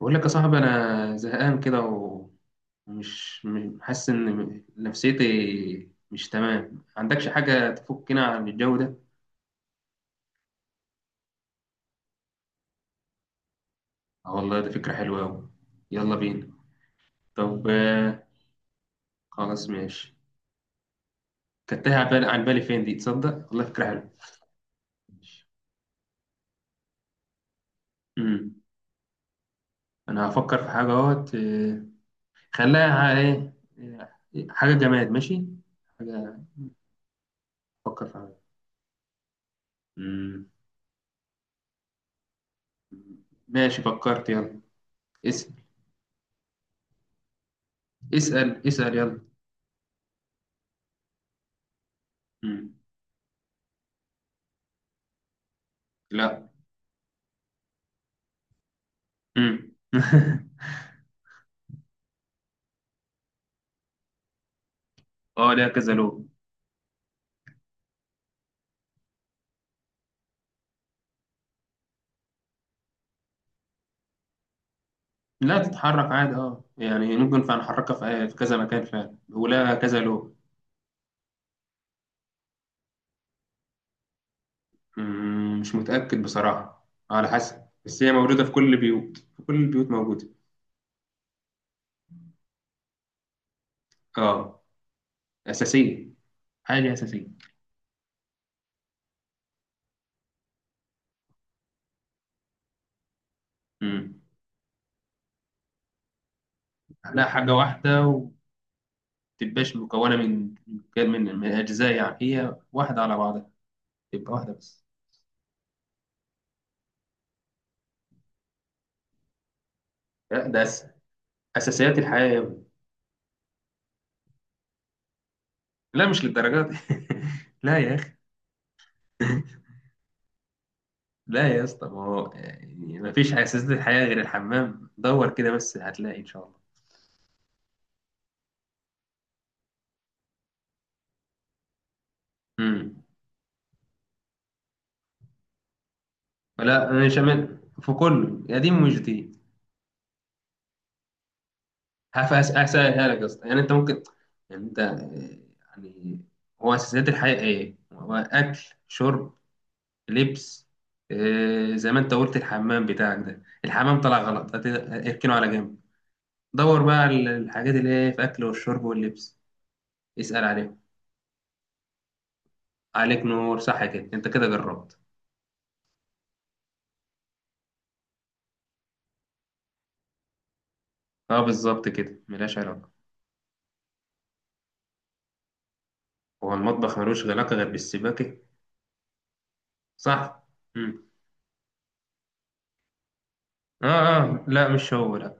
بقول لك يا صاحبي، انا زهقان كده ومش حاسس ان نفسيتي مش تمام. عندكش حاجه تفكنا عن الجو ده؟ اه والله، ده فكره حلوه قوي. يلا بينا. طب خلاص ماشي. كانت تايهة عن بالي. فين دي؟ تصدق؟ والله فكره حلوه. امم انا هفكر في حاجه اهوت. خليها ايه. آه، حاجه جماد. ماشي حاجه، افكر في حاجه. امم ماشي فكرت، يلا. اسال اسال يلا. امم لا. امم. اه، ليها كذا لون. لا، تتحرك عادي. اه يعني ممكن فنحركها في كذا مكان فعلا، ولها كذا لون. مش متأكد بصراحة، على حسب، بس هي موجودة في كل البيوت، في كل البيوت موجودة. اه. أساسية، حاجة أساسية. امم لا، حاجة واحدة. ومتبقاش مكونة من أجزاء، يعني هي واحدة على بعضها، تبقى واحدة بس. لا، ده أساسيات الحياة يا ابني. لا، مش للدرجات. لا يا أخي. لا يا اسطى، ما هو يعني ما فيش اساس للحياه غير الحمام، دور كده بس هتلاقي ان شاء الله. امم. لا، مش في كله قديم ومش جديد. هسهلها لك يا اسطى. يعني انت ممكن، يعني انت يعني هو اساسيات الحياه ايه؟ هو اكل، شرب، لبس. زي ما انت قلت، الحمام بتاعك ده الحمام طلع غلط، اركنه على جنب. دور بقى على الحاجات اللي هي في اكل والشرب واللبس. اسأل عليهم. عليك نور، صح كده، انت كده جربت. اه بالظبط كده، ملهاش علاقة. هو المطبخ ملوش علاقة غير بالسباكة؟ صح. مم. اه، اه، لا مش هو، لا.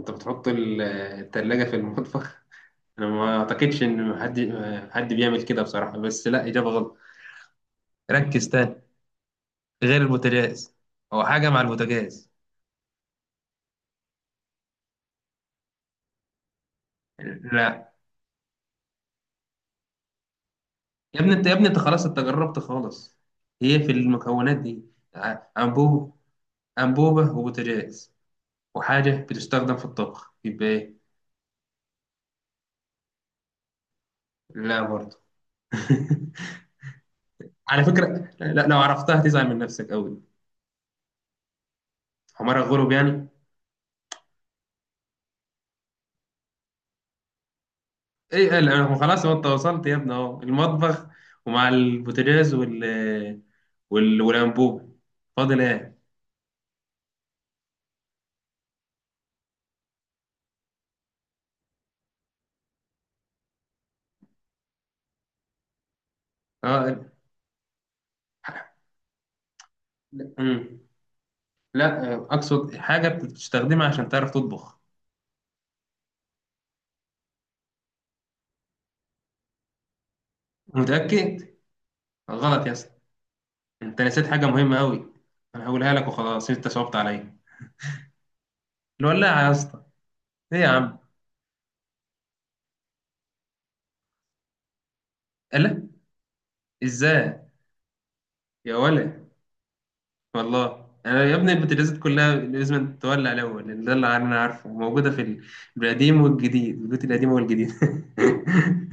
انت بتحط التلاجة في المطبخ؟ انا ما اعتقدش ان حد بيعمل كده بصراحة، بس لا، اجابة غلط، ركز تاني. غير البوتاجاز. هو حاجة مع البوتاجاز. لا يا ابني انت، يا ابني انت خلاص انت جربت خالص. هي في المكونات دي. ع- انبوب انبوبة وبوتاجاز، وحاجة بتستخدم في الطبخ، يبقى ايه؟ لا برضه. على فكره، لا، لو عرفتها تزعل من نفسك قوي. حمار الغروب يعني. ايه قال أنا خلاص؟ هو انت وصلت يا ابني. اهو المطبخ، ومع البوتاجاز والانبوب. فاضل ايه؟ اه، لا. أمم. لا، اقصد حاجه بتستخدمها عشان تعرف تطبخ. متاكد؟ غلط يا اسطى، انت نسيت حاجه مهمه قوي. انا هقولها لك وخلاص، انت صعبت عليا. الولاعه يا اسطى. ايه يا عم؟ لا. ازاي؟ يا ولا، والله انا يا ابني البوتاجازات كلها لازم تولع الاول، لان ده اللي انا عارفه موجوده في القديم والجديد، البيوت القديمه والجديد.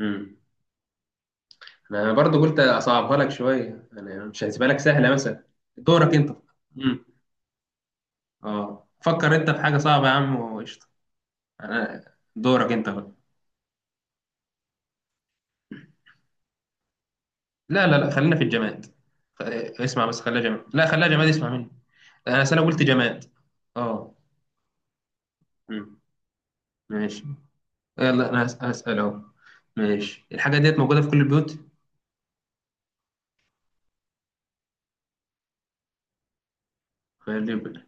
امم. انا برضو قلت اصعبها لك شويه، انا مش هسيبها لك سهله مثلا. دورك انت. امم. اه، فكر انت في حاجه صعبه يا عم وقشطه. انا دورك انت بقى. لا لا لا، خلينا في الجماد. خ- اسمع بس، خليها جماد، لا خليها جماد، اسمع مني. انا أصل انا قلت جماد. اه. امم. ماشي. يلا انا هسأل اهو. ماشي، الحاجة ديت موجودة في كل البيوت؟ خلي بالك،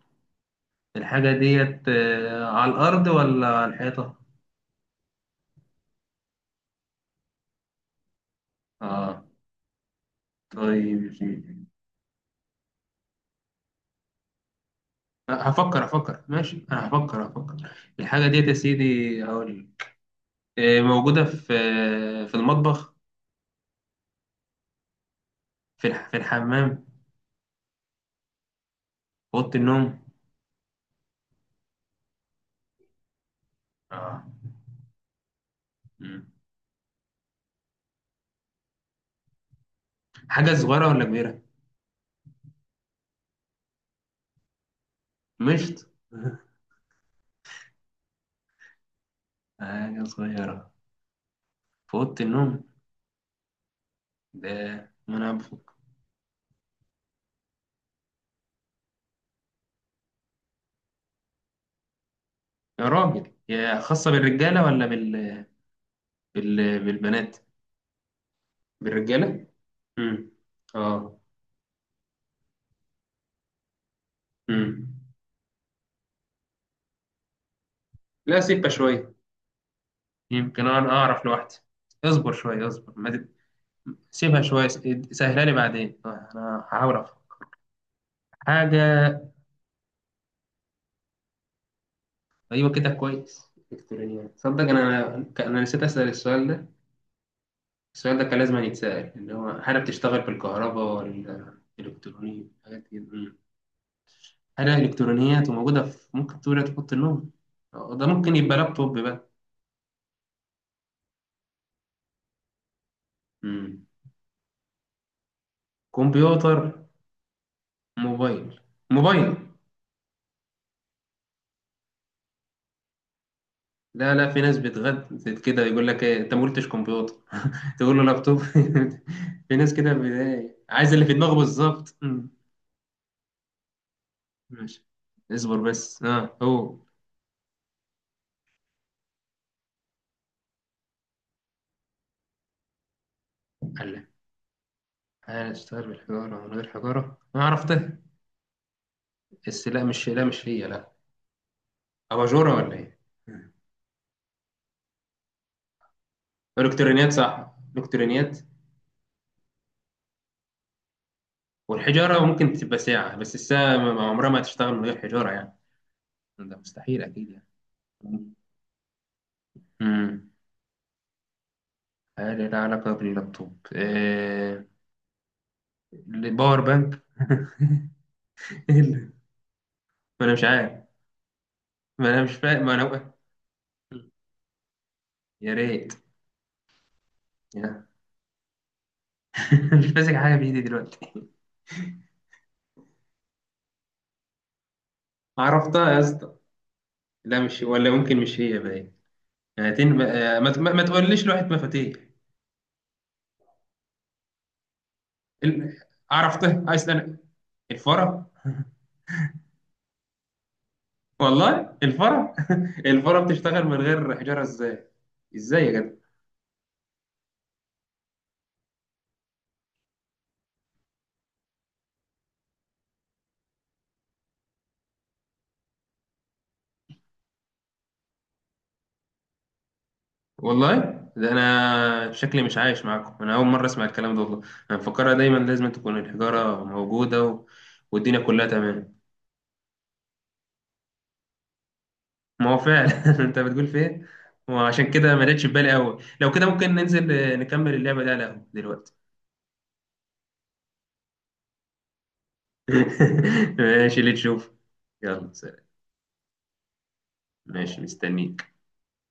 الحاجة ديت على الأرض ولا على الحيطة؟ اه، طيب يا سيدي. هفكر، ماشي، انا هفكر، الحاجة ديت يا سيدي، هقول موجودة في، في المطبخ. في الحمام، في أوضة النوم. اه. مم. حاجة صغيرة ولا كبيرة؟ مشط؟ حاجة صغيرة في أوضة النوم. ده ما أنا بفكر. يا راجل، يا خاصة بالرجالة ولا بال، بالبنات؟ بالرجالة. امم. اه. امم. لا، سيبها شوية، يمكن انا اعرف لوحدي. اصبر شوية، اصبر، ما سيبها شوية، سهلها لي بعدين، انا هحاول أفهم. حاجة، ايوه كده كويس. الكترونيات؟ تصدق انا نسيت اسأل السؤال ده. السؤال ده كان لازم يتسأل، اللي هو هل بتشتغل بالكهرباء ولا الكترونيات، حاجات كده. أمم. حاجة الكترونيات وموجودة في، ممكن تقول تحط النوم، ده ممكن يبقى لابتوب بقى. امم. كمبيوتر، موبايل موبايل. لا، لا، في ناس بتغد كده يقول لك ايه انت ما قلتش كمبيوتر. تقول له لابتوب. في ناس كده عايز اللي في دماغه بالظبط. أمم. ماشي، اصبر بس. اه. هو، قال لك هشتغل بالحجاره من غير حجاره، انا عرفتها. بس لا، مش، لا مش هي، لا. اباجوره ولا ايه؟ أمم. الكترونيات؟ صح، الكترونيات. والحجاره ممكن تبقى ساعه، بس الساعه عمرها ما هتشتغل من غير حجاره يعني، ده مستحيل اكيد يعني. أمم. حاجة لها علاقة باللابتوب. باور بانك. إيه؟ ما أنا مش عارف، ما أنا مش فاهم، ما أنا يا ريت. يا. مش ماسك حاجة بإيدي دلوقتي. عرفتها يا اسطى. لا، مش، ولا ممكن، مش هي باين. هاتين، ما تقوليش لوحة مفاتيح. ال... عرفتها، عايز أنا الفرة. والله الفرة. الفرة بتشتغل من غير حجارة إزاي؟ إزاي يا جدع؟ والله ده انا شكلي مش عايش معاكم، انا اول مره اسمع الكلام ده والله. انا مفكرها دايما لازم تكون الحجاره موجوده والدنيا كلها تمام. ما هو فعلا. انت بتقول في ايه؟ وعشان كده ما جاتش في بالي قوي. لو كده ممكن ننزل نكمل اللعبه دي على القهوه دلوقتي. ماشي، اللي تشوف. يلا سلام. ماشي، مستنيك.